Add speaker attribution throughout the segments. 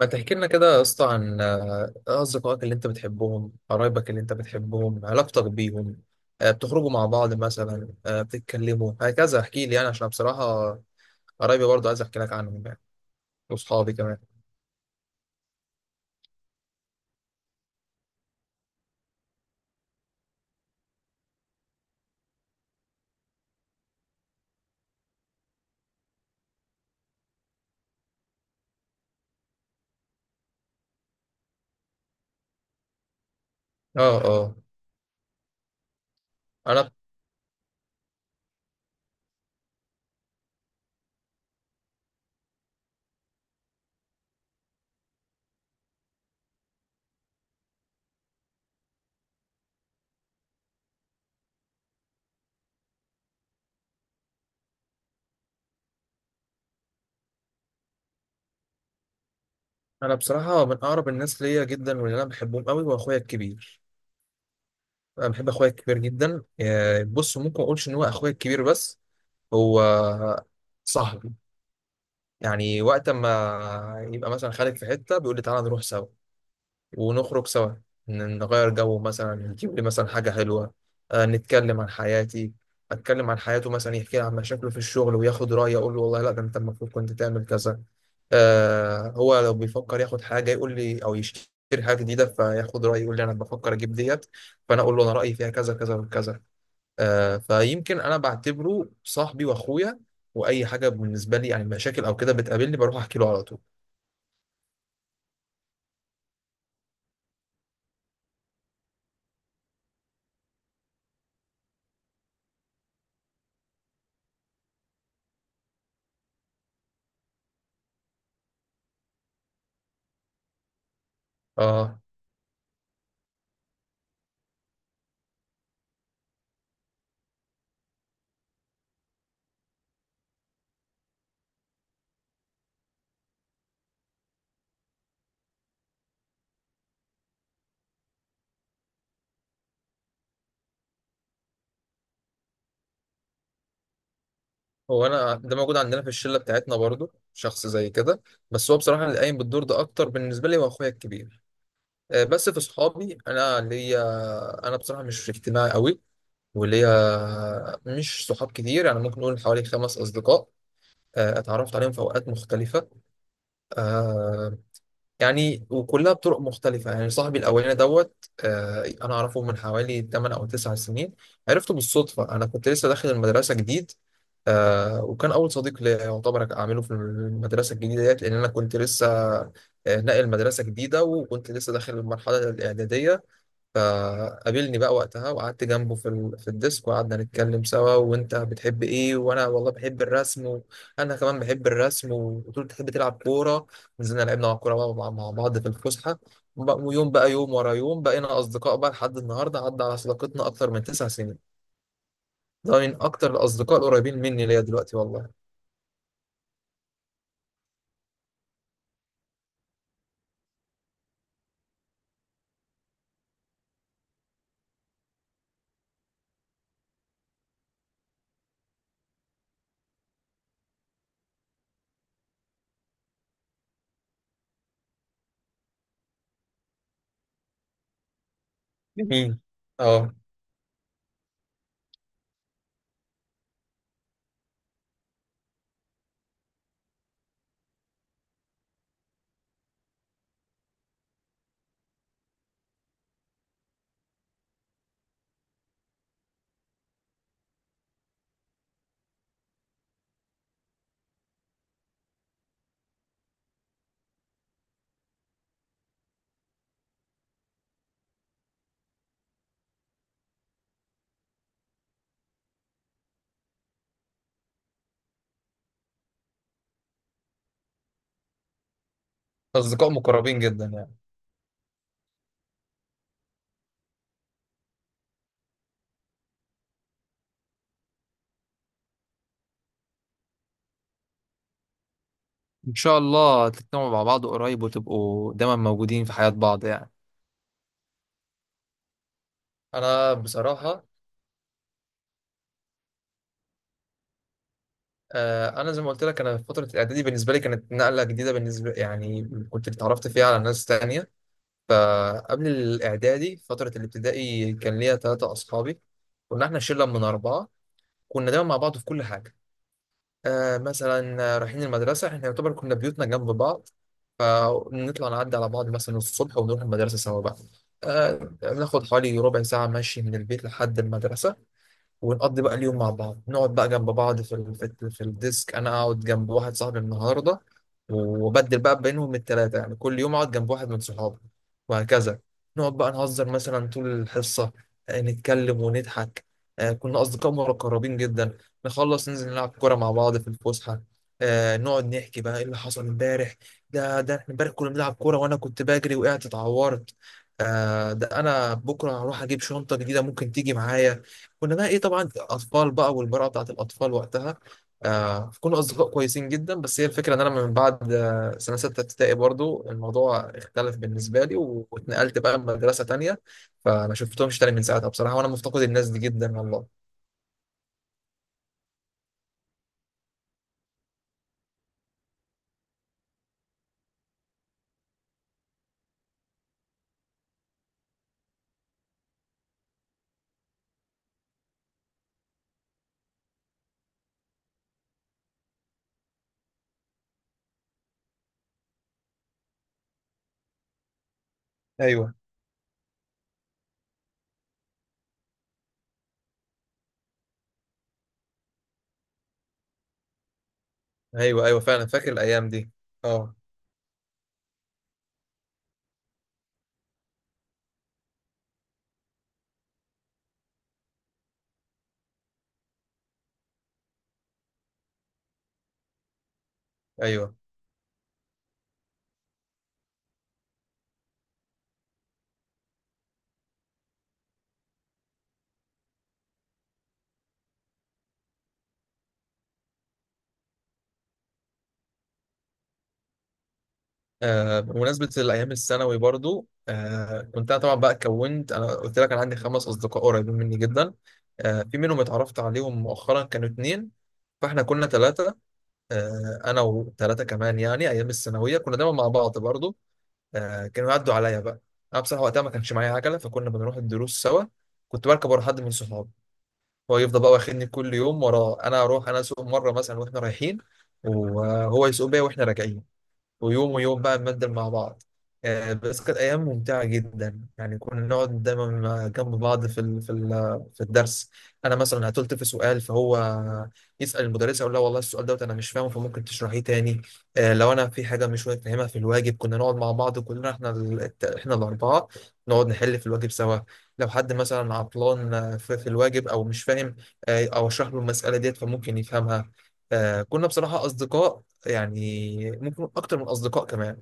Speaker 1: ما تحكي لنا كده يا اسطى عن أصدقائك اللي أنت بتحبهم، قرايبك اللي أنت بتحبهم، علاقتك بيهم، بتخرجوا مع بعض مثلا، بتتكلموا، هكذا احكي لي يعني عشان بصراحة قرايبي برضه عايز أحكي لك عنهم يعني، وأصحابي كمان. أه أه. أنا أنا بصراحة من أقرب الناس ليا جدا واللي أنا بحبهم قوي هو أخويا الكبير. أنا بحب أخويا الكبير جدا، بص ممكن ما أقولش إن هو أخويا الكبير بس هو صاحبي، يعني وقت ما يبقى مثلا خارج في حتة بيقول لي تعالى نروح سوا. ونخرج سوا، نغير جو مثلا نجيب لي مثلا حاجة حلوة، نتكلم عن حياتي. أتكلم عن حياته مثلا يحكي لي عن مشاكله في الشغل وياخد رأيي أقول له والله لا ده أنت المفروض كنت تعمل كذا. هو لو بيفكر ياخد حاجة يقول لي أو يشتري حاجة جديدة فياخد رأيي يقول لي أنا بفكر أجيب ديت. فأنا أقول له أنا رأيي فيها كذا كذا وكذا. فيمكن أنا بعتبره صاحبي وأخويا، وأي حاجة بالنسبة لي يعني مشاكل أو كده بتقابلني بروح أحكي له على طول. آه هو انا ده موجود عندنا في الشله بتاعتنا برضو شخص زي كده، بس هو بصراحه اللي قايم بالدور ده اكتر بالنسبه لي هو اخويا الكبير. بس في صحابي انا ليا. انا بصراحه مش اجتماعي قوي وليا مش صحاب كتير يعني ممكن نقول حوالي خمس اصدقاء. اتعرفت عليهم في اوقات مختلفه، آه، يعني وكلها بطرق مختلفة يعني صاحبي الأولاني دوت. أنا أعرفه من حوالي 8 أو 9 سنين. عرفته بالصدفة أنا كنت لسه داخل المدرسة جديد. وكان أول صديق ليا يعتبر أعمله في المدرسة الجديدة ديت لأن أنا كنت لسه ناقل مدرسة جديدة وكنت لسه داخل المرحلة الإعدادية. فقابلني بقى وقتها وقعدت جنبه في الديسك وقعدنا نتكلم سوا وانت بتحب ايه وانا والله بحب الرسم. وانا كمان بحب الرسم وقلت له بتحب تلعب كوره. نزلنا لعبنا مع كوره بقى مع بعض في الفسحه. ويوم بقى يوم ورا يوم بقينا اصدقاء بقى لحد النهارده عدى على صداقتنا اكتر من تسع سنين. ده من اكتر الاصدقاء القريبين مني ليا دلوقتي والله. جميل. اه. اصدقاء مقربين جدا يعني. ان شاء الله تجتمعوا مع بعض قريب وتبقوا دايما موجودين في حياة بعض يعني. انا بصراحه، انا زي ما قلت لك انا في فتره الاعدادي بالنسبه لي كانت نقله جديده بالنسبه يعني كنت اتعرفت فيها على ناس تانية. فقبل الاعدادي فتره الابتدائي كان ليا ثلاثه اصحابي. كنا احنا شله من اربعه كنا دايما مع بعض في كل حاجه. مثلا رايحين المدرسه احنا يعتبر كنا بيوتنا جنب بعض فنطلع نعدي على بعض مثلا الصبح ونروح المدرسه سوا بقى. آه بناخد حوالي ربع ساعه مشي من البيت لحد المدرسه. ونقضي بقى اليوم مع بعض نقعد بقى جنب بعض في الديسك. انا اقعد جنب واحد صاحبي النهارده، وبدل بقى بينهم التلاتة يعني كل يوم اقعد جنب واحد من صحابي وهكذا. نقعد بقى نهزر مثلا طول الحصة، نتكلم ونضحك. كنا أصدقاء مقربين جدا. نخلص ننزل نلعب كورة مع بعض في الفسحة، نقعد نحكي بقى ايه اللي حصل امبارح. ده ده احنا امبارح كنا بنلعب كورة وانا كنت بجري وقعت اتعورت. ده انا بكره هروح اجيب شنطة جديدة ممكن تيجي معايا. كنا بقى ايه طبعا اطفال بقى والمرأة بتاعت الاطفال وقتها. كنا اصدقاء كويسين جدا بس هي الفكره ان انا من بعد سنه سته ابتدائي برضو الموضوع اختلف بالنسبه لي واتنقلت بقى مدرسه تانية. فما شفتهمش تاني من ساعتها بصراحه وانا مفتقد الناس دي جدا والله. ايوه. ايوه. ايوه فعلا فاكر الايام دي. اه. ايوه. بمناسبة الأيام الثانوي برضو، كنت أنا طبعا بقى كونت أنا قلت لك أنا عندي خمس أصدقاء قريبين مني جدا. في منهم اتعرفت عليهم مؤخرا كانوا اتنين فإحنا كنا تلاتة. أنا وتلاتة كمان يعني أيام الثانوية كنا دايما مع بعض برضو. كانوا يعدوا عليا بقى. أنا بصراحة وقتها ما كانش معايا عجلة فكنا بنروح الدروس سوا. كنت بركب ورا حد من صحابي. هو يفضل بقى واخدني كل يوم وراه. أنا أروح أنا أسوق مرة مثلا وإحنا رايحين، وهو يسوق بيا وإحنا راجعين. ويوم ويوم بقى نبدل مع بعض. بس كانت أيام ممتعة جدا يعني كنا نقعد دايما جنب بعض في الدرس. أنا مثلا هتلت في سؤال فهو يسأل المدرسة يقول لها والله السؤال دوت أنا مش فاهمه فممكن تشرحيه تاني. لو أنا في حاجة مش فاهمها في الواجب كنا نقعد مع بعض كلنا إحنا إحنا الأربعة. نقعد نحل في الواجب سوا. لو حد مثلا عطلان، في الواجب أو مش فاهم، أو أشرح له المسألة ديت فممكن يفهمها. كنا بصراحة أصدقاء يعني ممكن اكتر من اصدقاء كمان.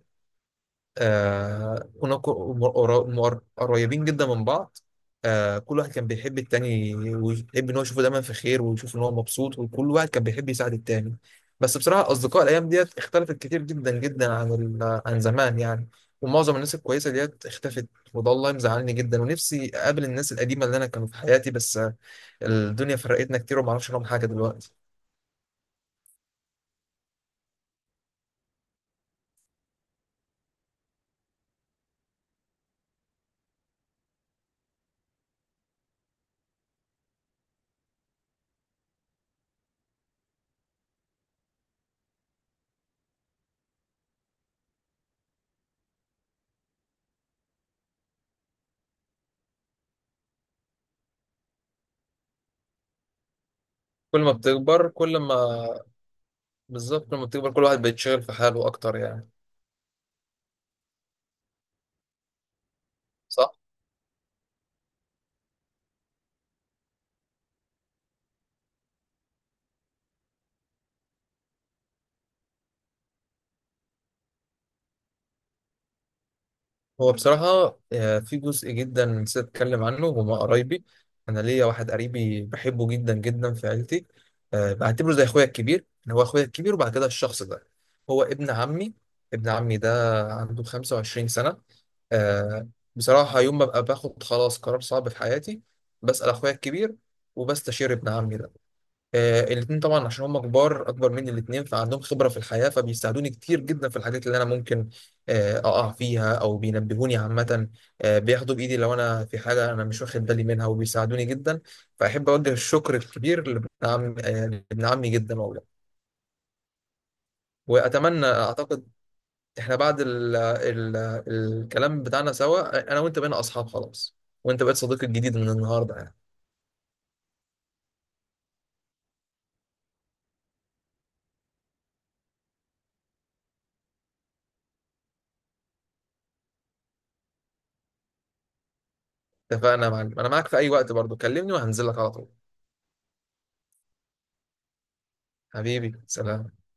Speaker 1: كنا قريبين جدا من بعض. كل واحد كان بيحب التاني ويحب ان هو يشوفه دايما في خير ويشوف ان هو مبسوط وكل واحد كان بيحب يساعد التاني. بس بصراحة اصدقاء الايام ديت اختلفت كتير جدا جدا عن عن زمان يعني. ومعظم الناس الكويسة ديت اختفت. وده والله مزعلني جدا ونفسي اقابل الناس القديمة اللي انا كانوا في حياتي بس، الدنيا فرقتنا كتير ومعرفش عنهم حاجة دلوقتي. كل ما بتكبر كل ما بالظبط لما بتكبر كل واحد بيتشغل في حاله أكتر يعني. صح. هو بصراحة، في جزء جدا نسيت أتكلم عنه وهما قرايبي. أنا ليا واحد قريبي بحبه جدا جدا في عيلتي، بعتبره زي أخويا الكبير إن هو أخويا الكبير وبعد كده الشخص ده هو ابن عمي. ابن عمي ده عنده 25 سنة. آه، بصراحة يوم ما ببقى باخد خلاص قرار صعب في حياتي بسأل أخويا الكبير وبستشير ابن عمي ده. الاتنين طبعا عشان هم كبار اكبر مني الاتنين فعندهم خبره في الحياه فبيساعدوني كتير جدا في الحاجات اللي انا ممكن اقع فيها او بينبهوني عامه. بياخدوا بايدي لو انا في حاجه انا مش واخد بالي منها وبيساعدوني جدا. فاحب اوجه الشكر الكبير لابن عم آه لابن عمي جدا والله. واتمنى اعتقد احنا بعد ال ال الكلام بتاعنا سوا انا وانت بقينا اصحاب خلاص. وانت بقيت صديقي الجديد من النهارده يعني. اتفقنا يا معلم انا معاك في اي وقت برضو كلمني وهنزل لك على طول. حبيبي سلام.